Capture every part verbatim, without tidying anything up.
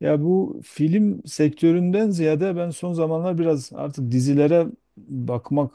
Ya bu film sektöründen ziyade ben son zamanlar biraz artık dizilere bakmak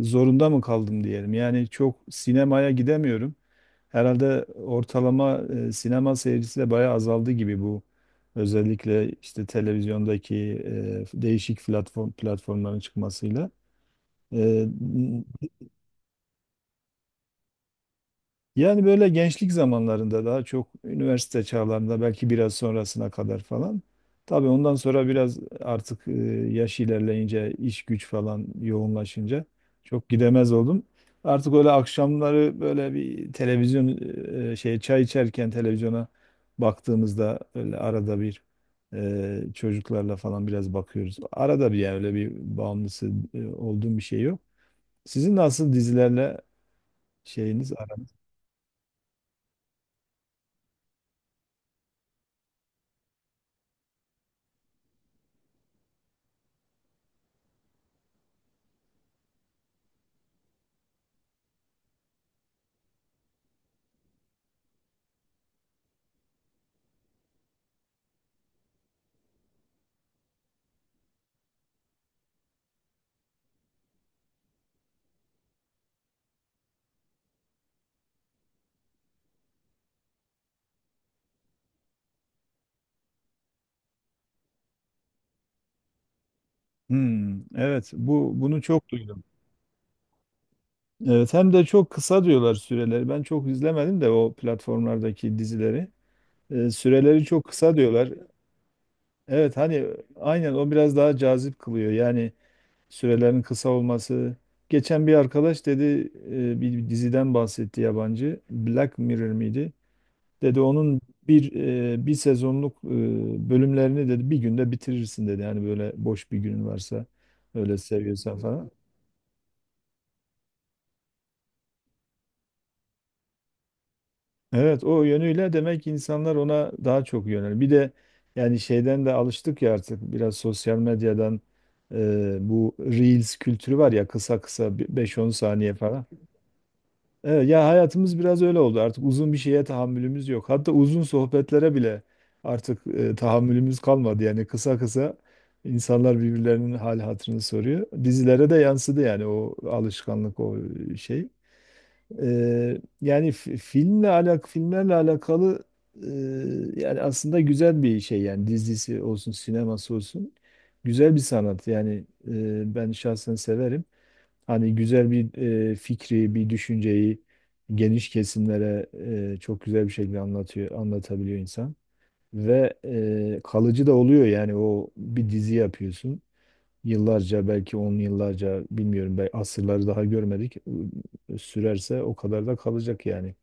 e, zorunda mı kaldım diyelim. Yani çok sinemaya gidemiyorum. Herhalde ortalama e, sinema seyircisi de bayağı azaldı gibi bu. Özellikle işte televizyondaki e, değişik platform platformların çıkmasıyla. E, Yani böyle gençlik zamanlarında daha çok üniversite çağlarında belki biraz sonrasına kadar falan. Tabii ondan sonra biraz artık e, yaş ilerleyince iş güç falan yoğunlaşınca çok gidemez oldum. Artık öyle akşamları böyle bir televizyon e, şey çay içerken televizyona baktığımızda öyle arada bir e, çocuklarla falan biraz bakıyoruz. Arada bir yani öyle bir bağımlısı e, olduğum bir şey yok. Sizin nasıl dizilerle şeyiniz. Hmm, evet bu bunu çok duydum. Evet, hem de çok kısa diyorlar süreleri. Ben çok izlemedim de o platformlardaki dizileri. Ee, süreleri çok kısa diyorlar. Evet, hani aynen o biraz daha cazip kılıyor. Yani sürelerin kısa olması. Geçen bir arkadaş dedi e, bir diziden bahsetti yabancı. Black Mirror miydi? Dedi onun bir e, bir sezonluk e, bölümlerini dedi bir günde bitirirsin dedi. Yani böyle boş bir günün varsa öyle seviyorsan falan. Evet, o yönüyle demek ki insanlar ona daha çok yönel. Bir de yani şeyden de alıştık ya artık biraz sosyal medyadan, e, bu Reels kültürü var ya kısa kısa bi- beş on saniye falan. Evet, ya hayatımız biraz öyle oldu artık uzun bir şeye tahammülümüz yok. Hatta uzun sohbetlere bile artık e, tahammülümüz kalmadı. Yani kısa kısa insanlar birbirlerinin hal hatırını soruyor. Dizilere de yansıdı yani o alışkanlık o e, şey. Ee, yani fi- filmle alak filmlerle alakalı, e, yani aslında güzel bir şey yani dizisi olsun sineması olsun güzel bir sanat yani, e, ben şahsen severim. Hani güzel bir e, fikri bir düşünceyi geniş kesimlere e, çok güzel bir şekilde anlatıyor anlatabiliyor insan ve e, kalıcı da oluyor. Yani o bir dizi yapıyorsun, yıllarca belki on yıllarca, bilmiyorum belki asırları daha görmedik, sürerse o kadar da kalacak yani.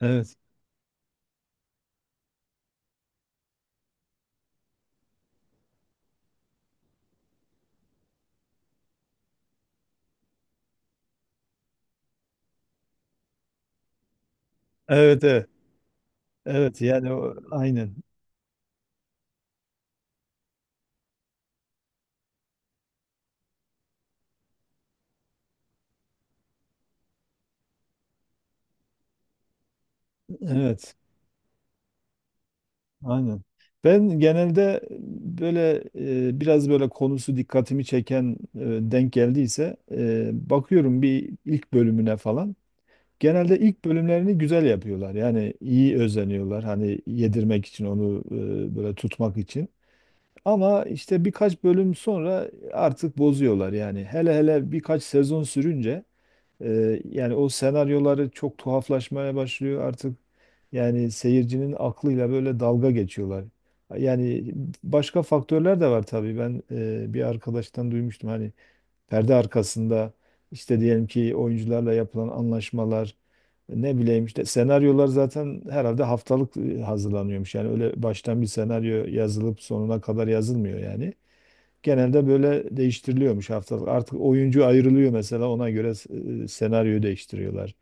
Evet. Evet, evet. Evet yani o, aynen. Evet. Aynen. Ben genelde böyle e, biraz böyle konusu dikkatimi çeken, e, denk geldiyse e, bakıyorum bir ilk bölümüne falan. Genelde ilk bölümlerini güzel yapıyorlar. Yani iyi özeniyorlar. Hani yedirmek için onu, e, böyle tutmak için. Ama işte birkaç bölüm sonra artık bozuyorlar yani. Hele hele birkaç sezon sürünce e, yani o senaryoları çok tuhaflaşmaya başlıyor artık. Yani seyircinin aklıyla böyle dalga geçiyorlar. Yani başka faktörler de var tabii. Ben e, bir arkadaştan duymuştum, hani perde arkasında işte diyelim ki oyuncularla yapılan anlaşmalar, ne bileyim işte senaryolar zaten herhalde haftalık e, hazırlanıyormuş. Yani öyle baştan bir senaryo yazılıp sonuna kadar yazılmıyor yani. Genelde böyle değiştiriliyormuş haftalık. Artık oyuncu ayrılıyor mesela, ona göre e, senaryoyu değiştiriyorlar.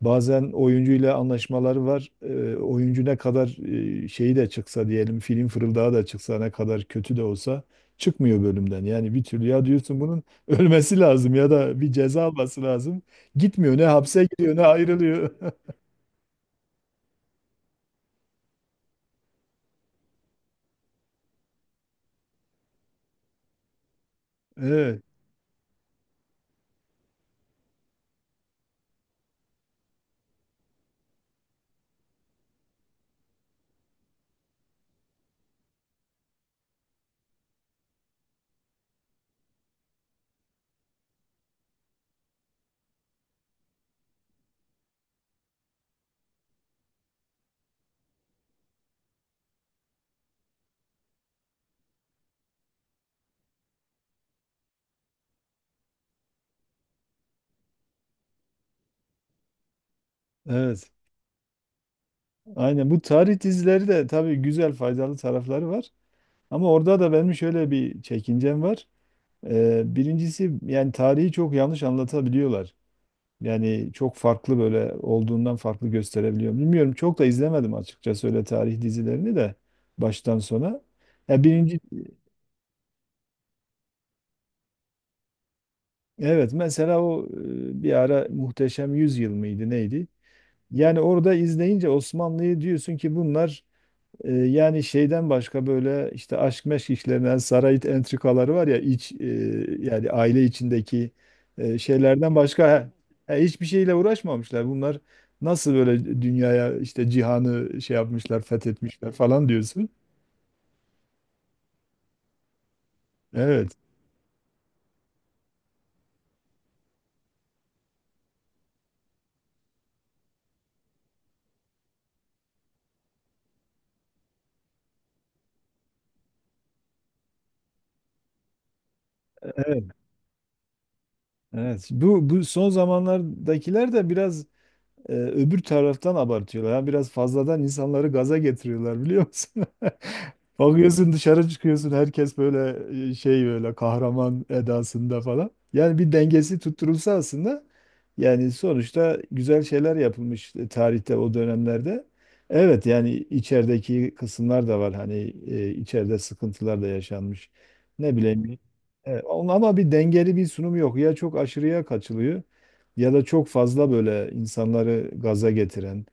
Bazen oyuncuyla anlaşmaları var. E, oyuncu ne kadar e, şeyi de çıksa diyelim, film fırıldağı da çıksa, ne kadar kötü de olsa çıkmıyor bölümden. Yani bir türlü ya diyorsun bunun ölmesi lazım ya da bir ceza alması lazım. Gitmiyor, ne hapse gidiyor ne ayrılıyor. Evet, evet. Aynen, bu tarih dizileri de tabii güzel, faydalı tarafları var. Ama orada da benim şöyle bir çekincem var. Ee, birincisi yani tarihi çok yanlış anlatabiliyorlar. Yani çok farklı, böyle olduğundan farklı gösterebiliyor. Bilmiyorum, çok da izlemedim açıkçası öyle tarih dizilerini de baştan sona. Ya birinci, evet mesela o e, bir ara Muhteşem Yüzyıl mıydı neydi? Yani orada izleyince Osmanlı'yı diyorsun ki bunlar, E, yani şeyden başka, böyle işte aşk meşk işlerinden, saray entrikaları var ya, iç, e, yani aile içindeki e, şeylerden başka he- he, hiçbir şeyle uğraşmamışlar. Bunlar nasıl böyle dünyaya işte cihanı şey yapmışlar, fethetmişler falan diyorsun. Evet, evet, evet. Bu bu son zamanlardakiler de biraz, Ee, öbür taraftan abartıyorlar. Yani biraz fazladan insanları gaza getiriyorlar biliyor musun? Bakıyorsun dışarı çıkıyorsun herkes böyle e, şey böyle kahraman edasında falan. Yani bir dengesi tutturulsa aslında, yani sonuçta güzel şeyler yapılmış e, tarihte o dönemlerde. Evet, yani içerideki kısımlar da var hani, e, içeride sıkıntılar da yaşanmış. Ne bileyim. Evet, ama bir dengeli bir sunum yok. Ya çok aşırıya kaçılıyor, ya da çok fazla böyle insanları gaza getiren,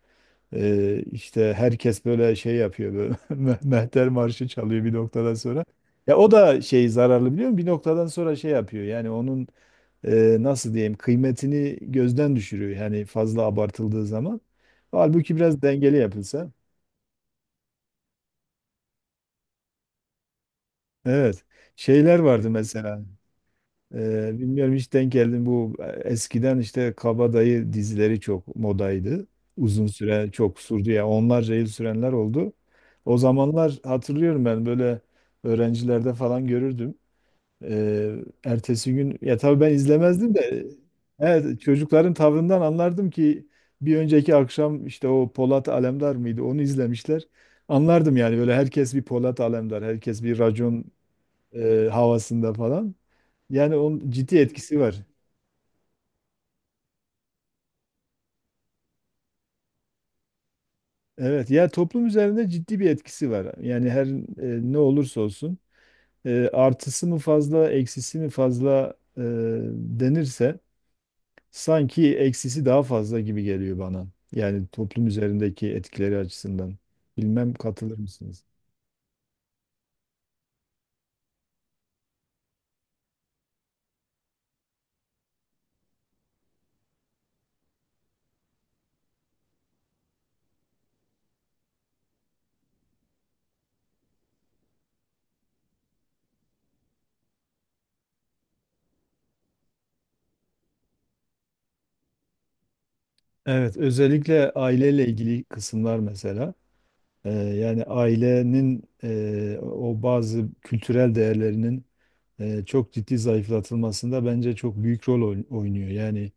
e, işte herkes böyle şey yapıyor, böyle Me- Mehter Marşı çalıyor bir noktadan sonra. Ya o da şey, zararlı biliyor musun? Bir noktadan sonra şey yapıyor yani onun e, nasıl diyeyim, kıymetini gözden düşürüyor yani fazla abartıldığı zaman. Halbuki biraz dengeli yapılsa. Evet. Şeyler vardı mesela. Ee, bilmiyorum hiç denk geldim, bu e, eskiden işte kabadayı dizileri çok modaydı. Uzun süre çok sürdü ya, onlarca yıl sürenler oldu. O zamanlar hatırlıyorum, ben böyle öğrencilerde falan görürdüm. Ee, Ertesi gün, ya tabii ben izlemezdim de, evet çocukların tavrından anlardım ki bir önceki akşam işte o Polat Alemdar mıydı onu izlemişler. Anlardım yani böyle herkes bir Polat Alemdar, herkes bir racon e, havasında falan. Yani onun ciddi etkisi var. Evet, ya toplum üzerinde ciddi bir etkisi var. Yani her e, ne olursa olsun e, artısı mı fazla, eksisi mi fazla e, denirse sanki eksisi daha fazla gibi geliyor bana. Yani toplum üzerindeki etkileri açısından. Bilmem katılır mısınız? Evet, özellikle aileyle ilgili kısımlar mesela. Ee, yani ailenin e, o bazı kültürel değerlerinin e, çok ciddi zayıflatılmasında bence çok büyük rol oyn- oynuyor. Yani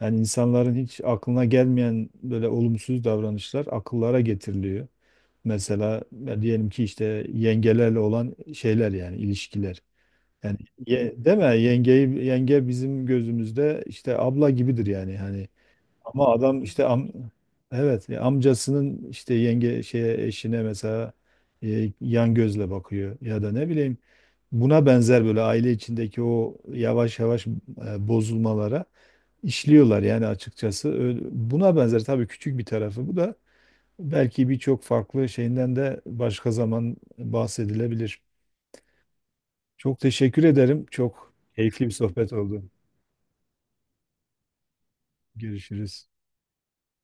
yani insanların hiç aklına gelmeyen böyle olumsuz davranışlar akıllara getiriliyor. Mesela ya diyelim ki işte yengelerle olan şeyler yani ilişkiler. Yani ye, değil mi? Yengeyi, yenge bizim gözümüzde işte abla gibidir yani. Hani ama adam işte am evet, ya amcasının işte yenge şeye eşine mesela e, yan gözle bakıyor, ya da ne bileyim buna benzer böyle aile içindeki o yavaş yavaş e, bozulmalara işliyorlar yani açıkçası. Öyle- buna benzer tabii, küçük bir tarafı bu da, belki birçok farklı şeyinden de başka zaman bahsedilebilir. Çok teşekkür ederim. Çok keyifli bir sohbet oldu. Görüşürüz.